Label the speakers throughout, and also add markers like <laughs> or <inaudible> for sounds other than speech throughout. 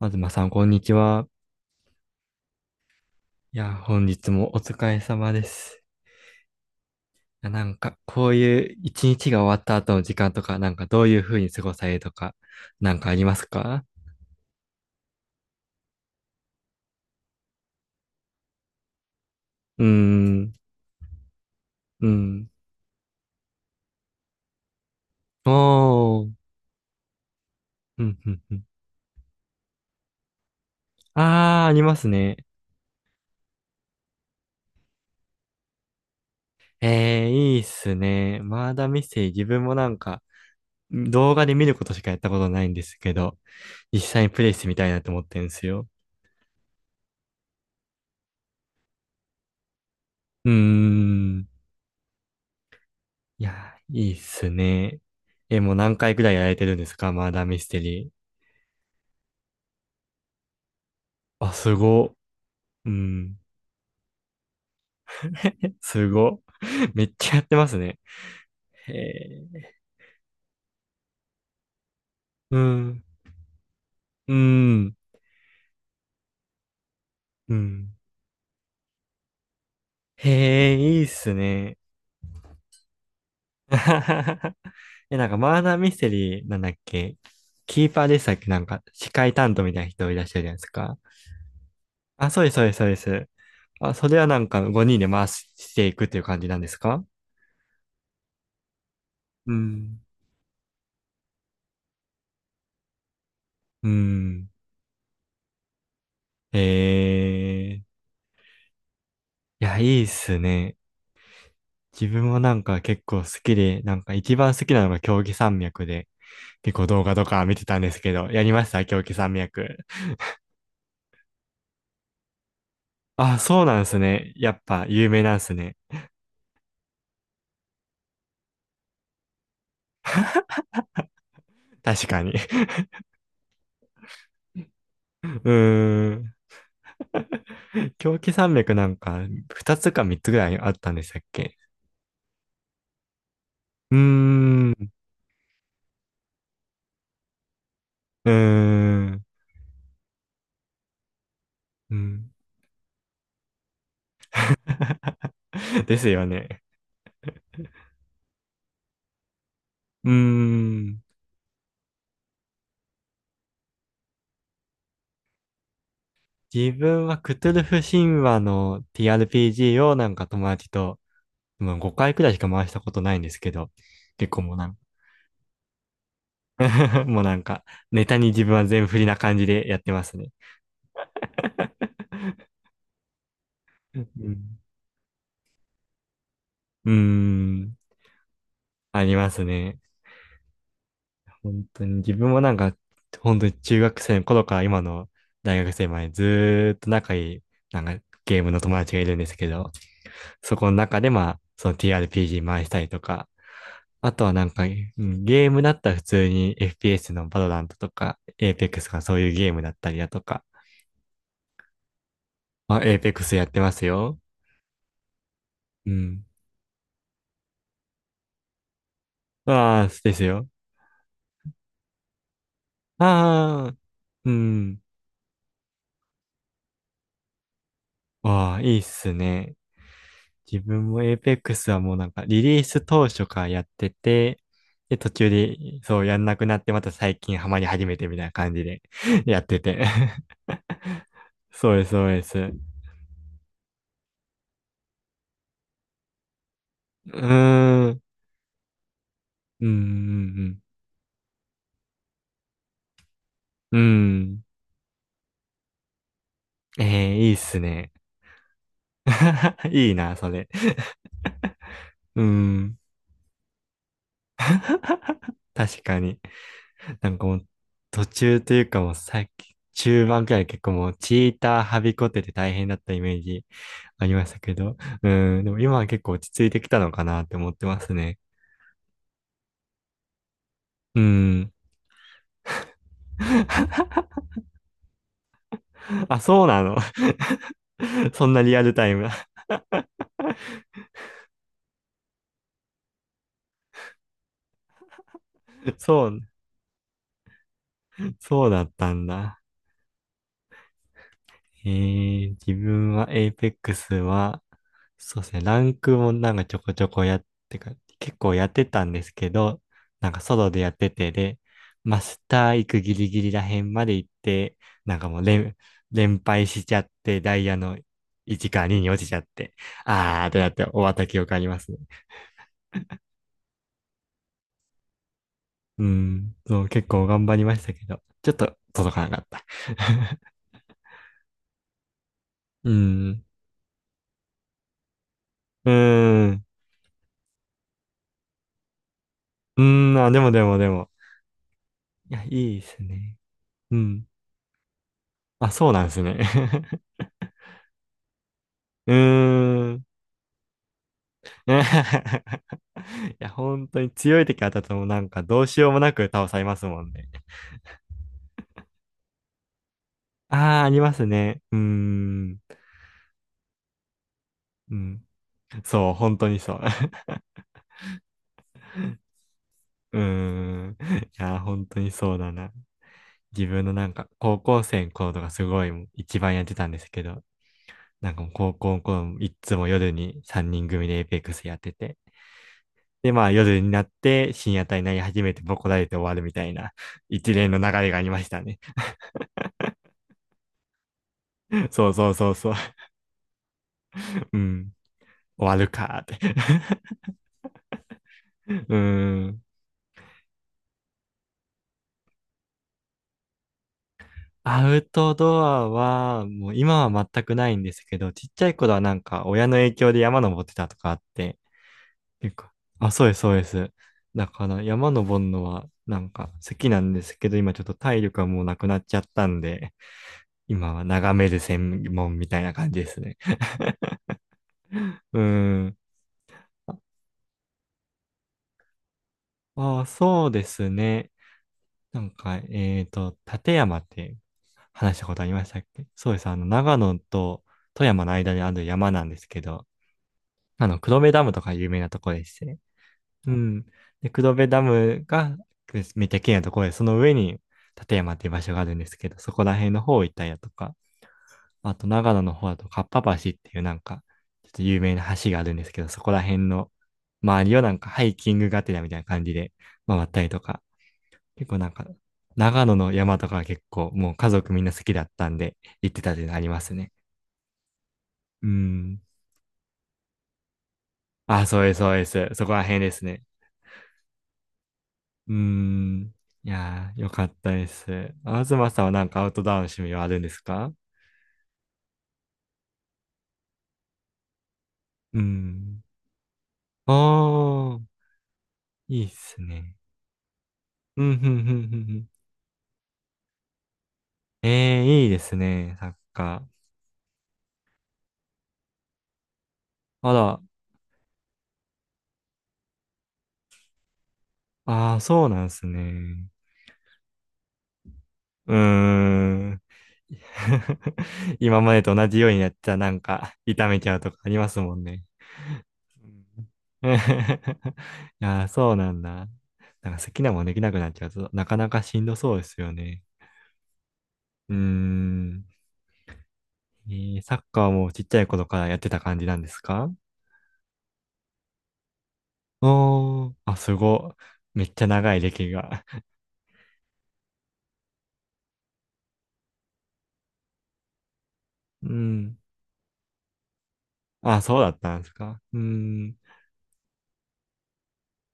Speaker 1: まずまさん、こんにちは。いや、本日もお疲れ様です。こういう一日が終わった後の時間とか、どういう風に過ごされるとか、なんかありますか？うーん、うん。おー、うん、うん、うん。あー、ありますね。えー、いいっすね。まだミステリー、自分も動画で見ることしかやったことないんですけど、実際にプレイしてみたいなと思ってるんですよ。うーん。いや、いいっすね。え、もう何回くらいやられてるんですか、マーダーミステリー。あ、すご。うん。えすご。<laughs> めっちゃやってますね。へえ。うん。うん。うん。へえ、いいっすね。<laughs> え、マーダーミステリーなんだっけ、キーパーでしたっけ、なんか、司会担当みたいな人いらっしゃるじゃないですか。あ、そうです、そうです、そうです。あ、それはなんか5人で回していくっていう感じなんですか？うん。うん。ええ。いや、いいっすね。自分も結構好きで、なんか一番好きなのが競技山脈で、結構動画とか見てたんですけど、やりました、競技山脈。あ、そうなんですね。やっぱ有名なんですね。確かに。<laughs> うーん。<laughs> 狂気山脈、なんか2つか3つぐらいあったんでしたっけ？うーん、うーん、うん。<laughs> ですよね。うーん。自分はクトゥルフ神話の TRPG を友達と、もう5回くらいしか回したことないんですけど、結構もうなんか <laughs> もうなんか、ネタに自分は全振りな感じでやってますね。うん。うーん、ありますね。本当に自分もなんか、本当に中学生の頃から今の大学生まで、ずーっと仲いい、なんかゲームの友達がいるんですけど、そこの中でまあ、その TRPG 回したりとか、あとはゲームだったら普通に FPS のバロラントとか、Apex とかそういうゲームだったりだとか。あ、Apex やってますよ。うん。ああ、ですよ。ああ、うん。ああ、いいっすね。自分も Apex はもうなんかリリース当初からやってて、で、途中でそうやんなくなってまた最近ハマり始めてみたいな感じで <laughs> やってて。 <laughs> そうです、そうです。うーん。うんうんうん。うん。ええ、いいっすね。<laughs> いいな、それ。<laughs> うん。確かに。なんかもう、途中というかもうさっき、中盤くらい結構もう、チーターはびこってて大変だったイメージありましたけど。うん。でも今は結構落ち着いてきたのかなって思ってますね。うん。あ、そうなの。<laughs> そんなリアルタイムな。<laughs> そう、そうだったんだ。えー、自分はエイペックスは、そうですね、ランクもちょこちょこやって、結構やってたんですけど、なんかソロでやってて、で、マスター行くギリギリらへんまで行って、なんかもう連敗しちゃって、ダイヤの1か2に落ちちゃって、あーってなって終わった記憶ありますね。うん、そう、結構頑張りましたけど、ちょっと届かなかった。<laughs> うん、うん、うん、あ、でも、いや、いいですね。うん。あ、そうなんですね。<laughs> うーん。<laughs> いや、本当に強い敵当たってもなんかどうしようもなく倒されますもんね。ああ、ありますね。うーん。うん。そう、本当にそう。<laughs> うーん。いや、本当にそうだな。自分のなんか高校生の頃とかすごいもう一番やってたんですけど、なんかもう高校の頃もいっつも夜に3人組でエイペックスやってて、で、まあ夜になって深夜帯になり始めてボコられて終わるみたいな <laughs> 一連の流れがありましたね。<laughs> そうそうそうそう。<laughs> うん。終わるかーって。 <laughs> うん。アウトドアは、もう今は全くないんですけど、ちっちゃい頃はなんか親の影響で山登ってたとかあって、結構、あ、そうです、そうです。だから山登るのは好きなんですけど、今ちょっと体力がもうなくなっちゃったんで、今は眺める専門みたいな感じですね。<laughs> うん。ああ、そうですね。立山って話したことありましたっけ？そうです。あの、長野と富山の間にある山なんですけど、あの、黒部ダムとか有名なとこでして。うん。で、黒部ダムがめっちゃ綺麗なところで、その上に立山っていう場所があるんですけど、そこら辺の方行ったりだとか、あと長野の方だと、かっぱ橋っていうちょっと有名な橋があるんですけど、そこら辺の周りをなんかハイキングがてらみたいな感じで回ったりとか、結構なんか、長野の山とかは結構もう家族みんな好きだったんで行ってたっていうのありますね。うーん。あ、そうです、そうです。そこら辺ですね。うーん。いやー、よかったです。東さんはなんかアウトドアの趣味はあるんですか？うん。おー、いいっすね。うん、ふん、ふん、ふん、ふん。えー、いいですね、サッカー。あら、あー、そうなんですね。うーん。<laughs> 今までと同じようにやったらなんか痛めちゃうとかありますもんね。うん。 <laughs> いやー、そうなんだ。なんか好きなもんできなくなっちゃうと、なかなかしんどそうですよね。うーん。えー、サッカーもちっちゃい頃からやってた感じなんですか？おー、あ、すご。めっちゃ長い歴が。<laughs> うん。あ、そうだったんですか。うーん。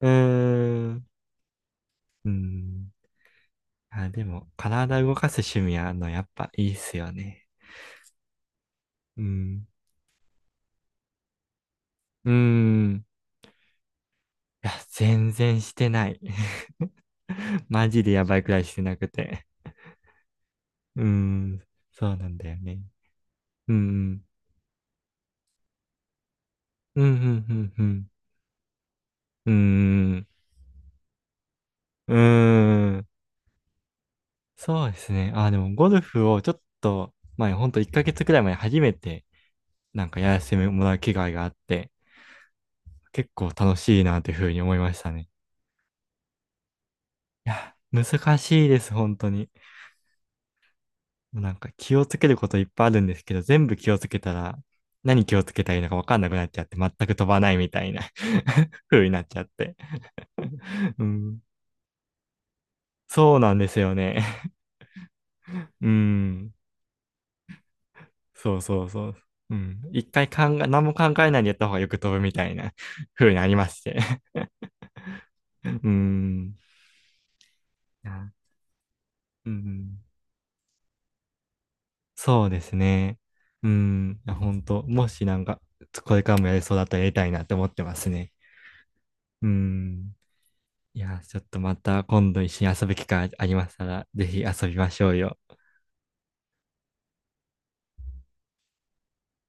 Speaker 1: うーん。うーん。あ、でも、体動かす趣味あるの、やっぱいいっすよね。うん。うん。いや、全然してない。<laughs> マジでやばいくらいしてなくて。うん。そうなんだよね。うん。うん、うん、うん、うん。うん。うん。そうですね。あ、でも、ゴルフをちょっと前、ほんと1ヶ月くらい前初めて、なんかやらせてもらう機会があって、結構楽しいなというふうに思いましたね。いや、難しいです、本当に。もうなんか気をつけることいっぱいあるんですけど、全部気をつけたら、何気をつけたらいいのか分かんなくなっちゃって、全く飛ばないみたいな <laughs> 風になっちゃって。 <laughs> うん。そうなんですよね。<laughs> うん。そうそうそう。うん。一回考え、何も考えないでやった方がよく飛ぶみたいな <laughs> 風になりまして。 <laughs> うん。あ、うん。そうですね。うん。本当もしこれからもやりそうだったらやりたいなって思ってますね。うん。いやー、ちょっとまた今度一緒に遊ぶ機会ありましたら、ぜひ遊びましょうよ。